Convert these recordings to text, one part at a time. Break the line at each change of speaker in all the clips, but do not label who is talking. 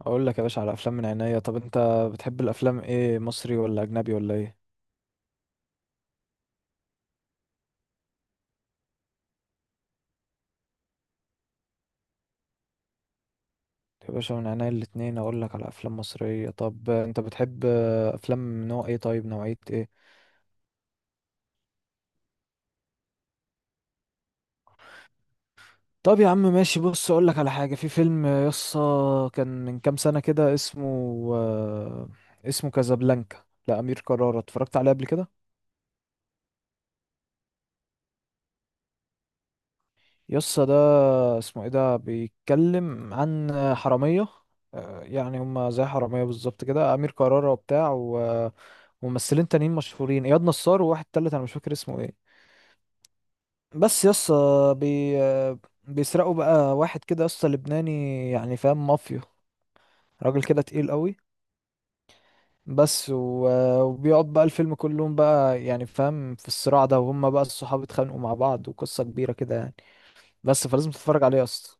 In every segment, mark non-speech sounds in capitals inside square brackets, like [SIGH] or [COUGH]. اقول لك يا باشا على افلام من عينيا. طب انت بتحب الافلام ايه، مصري ولا اجنبي ولا ايه؟ يا باشا من عينيا الاتنين اقول لك على افلام مصرية. طب انت بتحب افلام نوع ايه، طيب نوعية ايه؟ طب يا عم ماشي، بص اقول لك على حاجة. في فيلم يسطا كان من كام سنة كده آه، اسمه كازابلانكا لأمير كرارة، اتفرجت عليه قبل كده؟ يسا ده اسمه ايه؟ ده بيتكلم عن حرامية. يعني هما زي حرامية بالظبط كده، أمير كرارة وبتاع وممثلين تانيين مشهورين، إياد نصار وواحد تالت أنا مش فاكر اسمه ايه. بس يسا بي آه، بيسرقوا بقى واحد كده يسا لبناني، يعني فاهم مافيا، راجل كده تقيل قوي. بس وبيقعد بقى الفيلم كلهم بقى، يعني فاهم في الصراع ده، وهم بقى الصحاب اتخانقوا مع بعض وقصة كبيرة كده يعني. بس فلازم تتفرج عليه يسا.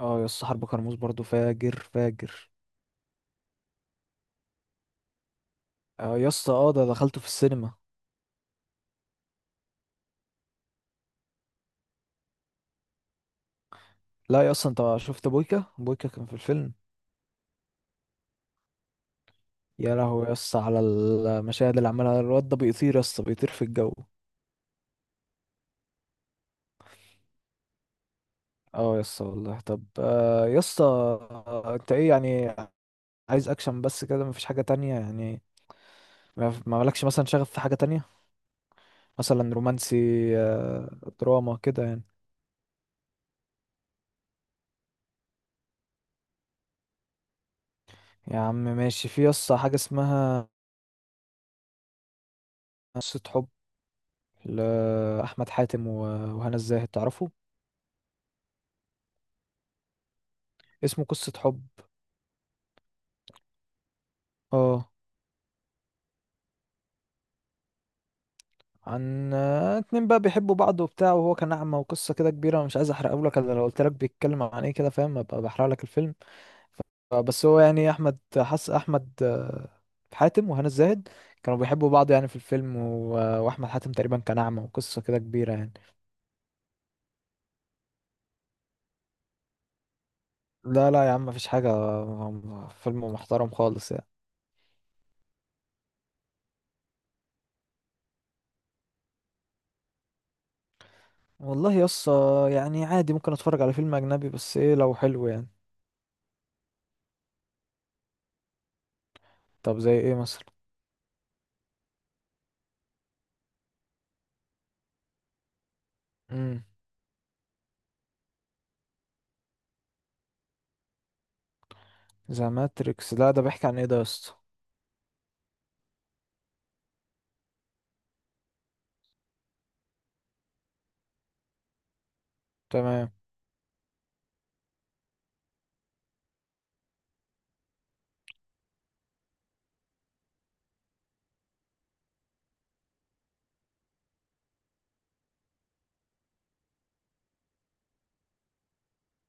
اه يا اسطى، حرب كرموز برضو فاجر فاجر. اه يا اسطى، اه ده دخلته في السينما. لا يا اسطى، انت شفت بويكا؟ بويكا كان في الفيلم. يا لهوي يا اسطى، على المشاهد اللي عملها الواد ده. بيطير يا اسطى، بيطير في الجو. اه يا اسطى والله. طب يا اسطى انت ايه يعني، عايز اكشن بس كده، مفيش حاجة تانية يعني؟ ما مالكش مثلا شغف في حاجة تانية، مثلا رومانسي؟ آه دراما كده يعني. يا عم ماشي، في يا اسطى حاجة اسمها قصة حب، لأحمد حاتم و- وهنا الزاهد، تعرفوا؟ اسمه قصة حب. اه، عن اتنين بقى بيحبوا بعض وبتاع، وهو كان أعمى وقصة كده كبيرة. أنا مش عايز أحرقه لك. أنا لو قلت لك بيتكلم عن إيه كده، فاهم، أبقى بحرق لك الفيلم. بس هو يعني أحمد حاتم وهنا الزاهد، كانوا بيحبوا بعض يعني في الفيلم، و... وأحمد حاتم تقريبا كان أعمى وقصة كده كبيرة يعني. لا لا يا عم، مفيش حاجة فيلم محترم خالص يعني. والله يس، يعني عادي ممكن أتفرج على فيلم أجنبي، بس إيه، لو حلو يعني. طب زي إيه مثلا؟ مم. ذا ماتريكس؟ لا ده بيحكي عن ايه ده يا اسطى؟ تمام.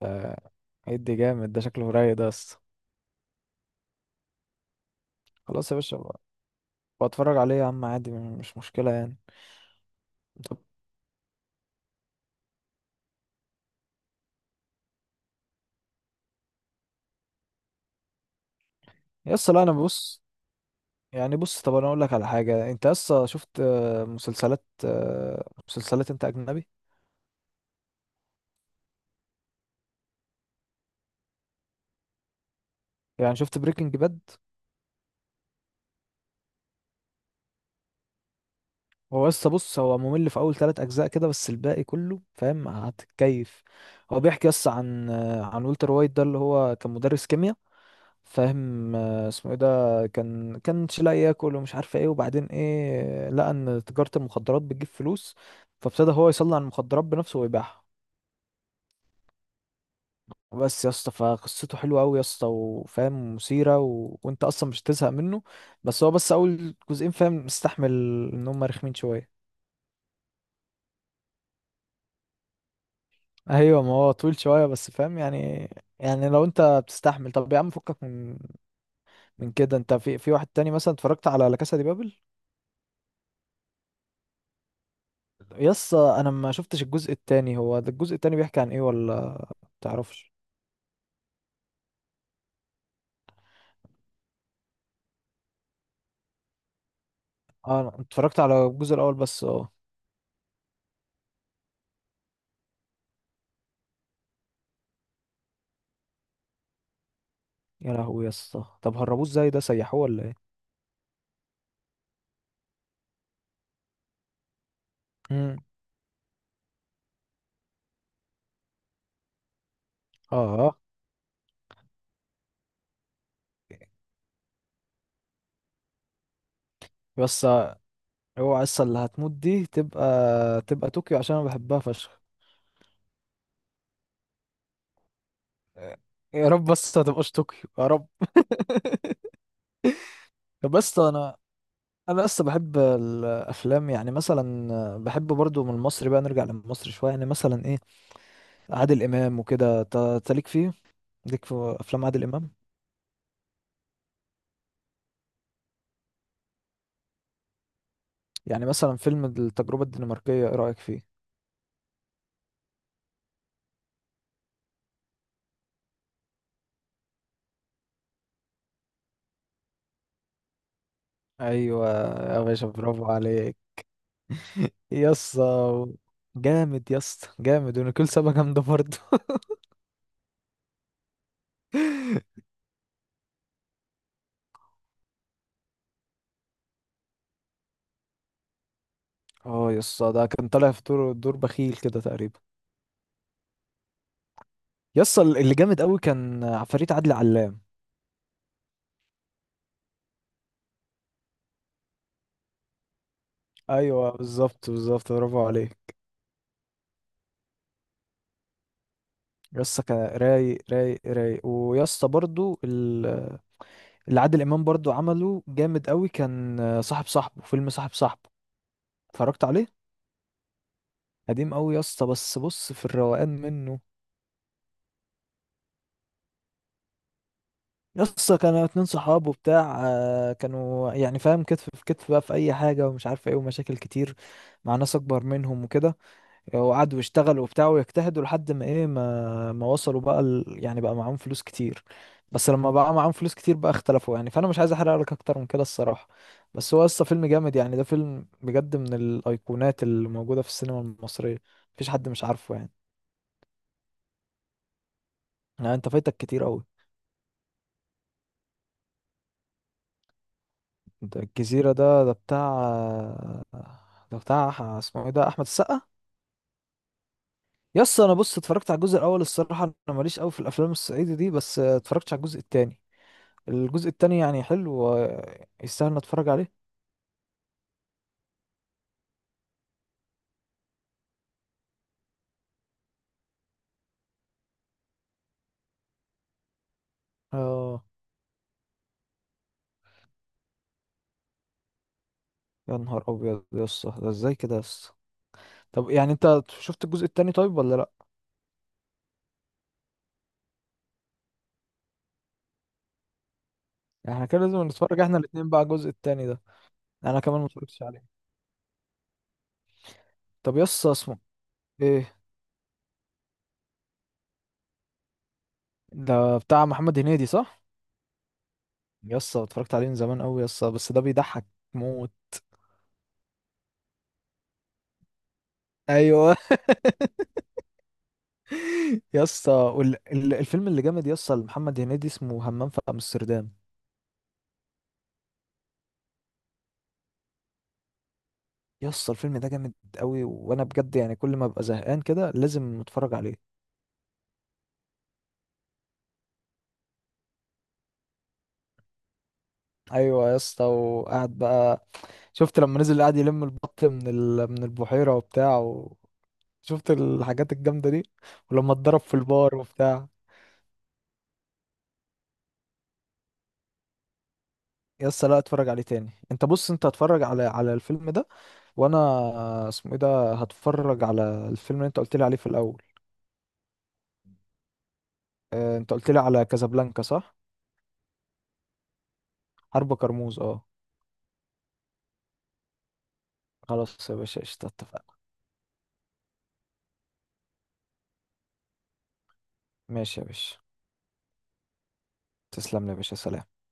ده ادي جامد، ده شكله رايق ده يا اسطى. خلاص يا باشا، بتفرج عليه يا عم عادي، مش مشكلة يعني. طب يا اسطى، لا انا بص، يعني بص، طب انا اقول لك على حاجة. انت يا اسطى شفت مسلسلات انت اجنبي؟ يعني شفت بريكنج باد؟ هو يا اسطى بص، هو ممل في اول ثلاث اجزاء كده، بس الباقي كله فاهم هتتكيف. هو بيحكي يس عن والتر وايت، ده اللي هو كان مدرس كيمياء فاهم. اسمه ايه ده، كانش لاقي ياكل ومش عارف ايه، وبعدين ايه لقى ان تجارة المخدرات بتجيب فلوس، فابتدى هو يصنع المخدرات بنفسه ويبيعها. بس يا اسطى، فقصته حلوه قوي يا اسطى، وفاهم مثيره، و... وانت اصلا مش تزهق منه. بس هو بس اول جزئين فاهم مستحمل، ان هم رخمين شويه. ايوه، ما هو طويل شويه، بس فاهم يعني. يعني لو انت بتستحمل. طب يا عم فكك من كده. انت في واحد تاني مثلا، اتفرجت على لا كاسا دي بابل؟ يس انا ما شفتش الجزء التاني. هو ده الجزء التاني بيحكي عن ايه ولا، تعرفش؟ اه، انا اتفرجت على الجزء الاول بس، اه. يا لهوي يس، طب هربوه ازاي؟ ده سيحوه ولا ايه؟ امم. اه، بس اوعى لسه اللي هتموت دي تبقى طوكيو، عشان انا بحبها فشخ. يا رب، بس ما تبقاش طوكيو يا رب. بس انا لسه بحب الافلام، يعني مثلا بحب برضو من المصري، بقى نرجع لمصر شويه. يعني مثلا ايه، عادل امام وكده، ت- تليك فيه ليك في افلام عادل امام؟ يعني مثلا فيلم التجربة الدنماركية، ايه رأيك فيه؟ ايوه يا باشا، برافو عليك. يسا جامد. يسا جامد، ونيكول سابا جامدة برضه. [LAUGHS] اه يسا ده كان طالع في دور بخيل كده تقريبا. يسا، اللي جامد قوي كان عفاريت عادل علام. ايوه بالظبط بالظبط، برافو عليك. يسا كان رايق رايق رايق. ويسا برضو اللي عادل امام برضو عمله جامد قوي كان صاحب صاحبه فيلم صاحب صاحبه، اتفرجت عليه؟ قديم قوي يا اسطى، بس بص في الروقان منه. يا اسطى كانوا اتنين صحاب وبتاع، كانوا يعني فاهم كتف في كتف بقى في اي حاجه، ومش عارف ايه، ومشاكل كتير مع ناس اكبر منهم وكده، وقعدوا يشتغلوا وبتاع، ويجتهدوا لحد ما ايه ما وصلوا بقى يعني بقى معاهم فلوس كتير. بس لما بقى معاهم فلوس كتير بقى اختلفوا يعني، فانا مش عايز احرق لك اكتر من كده الصراحه. بس هو لسه فيلم جامد يعني. ده فيلم بجد من الايقونات اللي موجوده في السينما المصريه، مفيش حد مش عارفه يعني. يعني انت فايتك كتير قوي. ده الجزيرة ده بتاع، ده بتاع اسمه ايه ده، أحمد السقا. يس أنا بص، اتفرجت على الجزء الأول. الصراحة أنا ماليش أوي في الأفلام الصعيدي دي، بس اتفرجتش على الجزء التاني. الجزء التاني يعني حلو، ويستاهل إن أتفرج عليه. اه يا نهار أبيض يس، ده ازاي كده يس؟ طب يعني أنت شفت الجزء التاني طيب ولا لأ؟ يعني احنا كده لازم نتفرج احنا الاتنين بقى على الجزء التاني ده. أنا كمان متفرجتش عليه. طب يس، اسمه ايه ده، بتاع محمد هنيدي صح؟ يس اتفرجت عليه من زمان أوي يس، بس ده بيضحك موت. ايوه يا اسطى، الفيلم اللي جامد يا اسطى لمحمد هنيدي اسمه همام في امستردام. يا اسطى الفيلم ده جامد قوي، وانا بجد يعني كل ما ابقى زهقان كده لازم اتفرج عليه. ايوه يا اسطى وقعد بقى. شفت لما نزل قعد يلم البط من البحيره وبتاع شفت الحاجات الجامده دي؟ ولما اتضرب في البار وبتاع. يا اسطى لا، اتفرج عليه تاني. انت بص، انت اتفرج على الفيلم ده. وانا اسمه ايه ده، هتفرج على الفيلم اللي انت قلت لي عليه في الاول. آه، انت قلت لي على كازابلانكا صح؟ حرب كرموز، اه. خلاص يا باشا، قشطة، اتفقنا. ماشي يا باشا. تسلم لي يا باشا، سلام.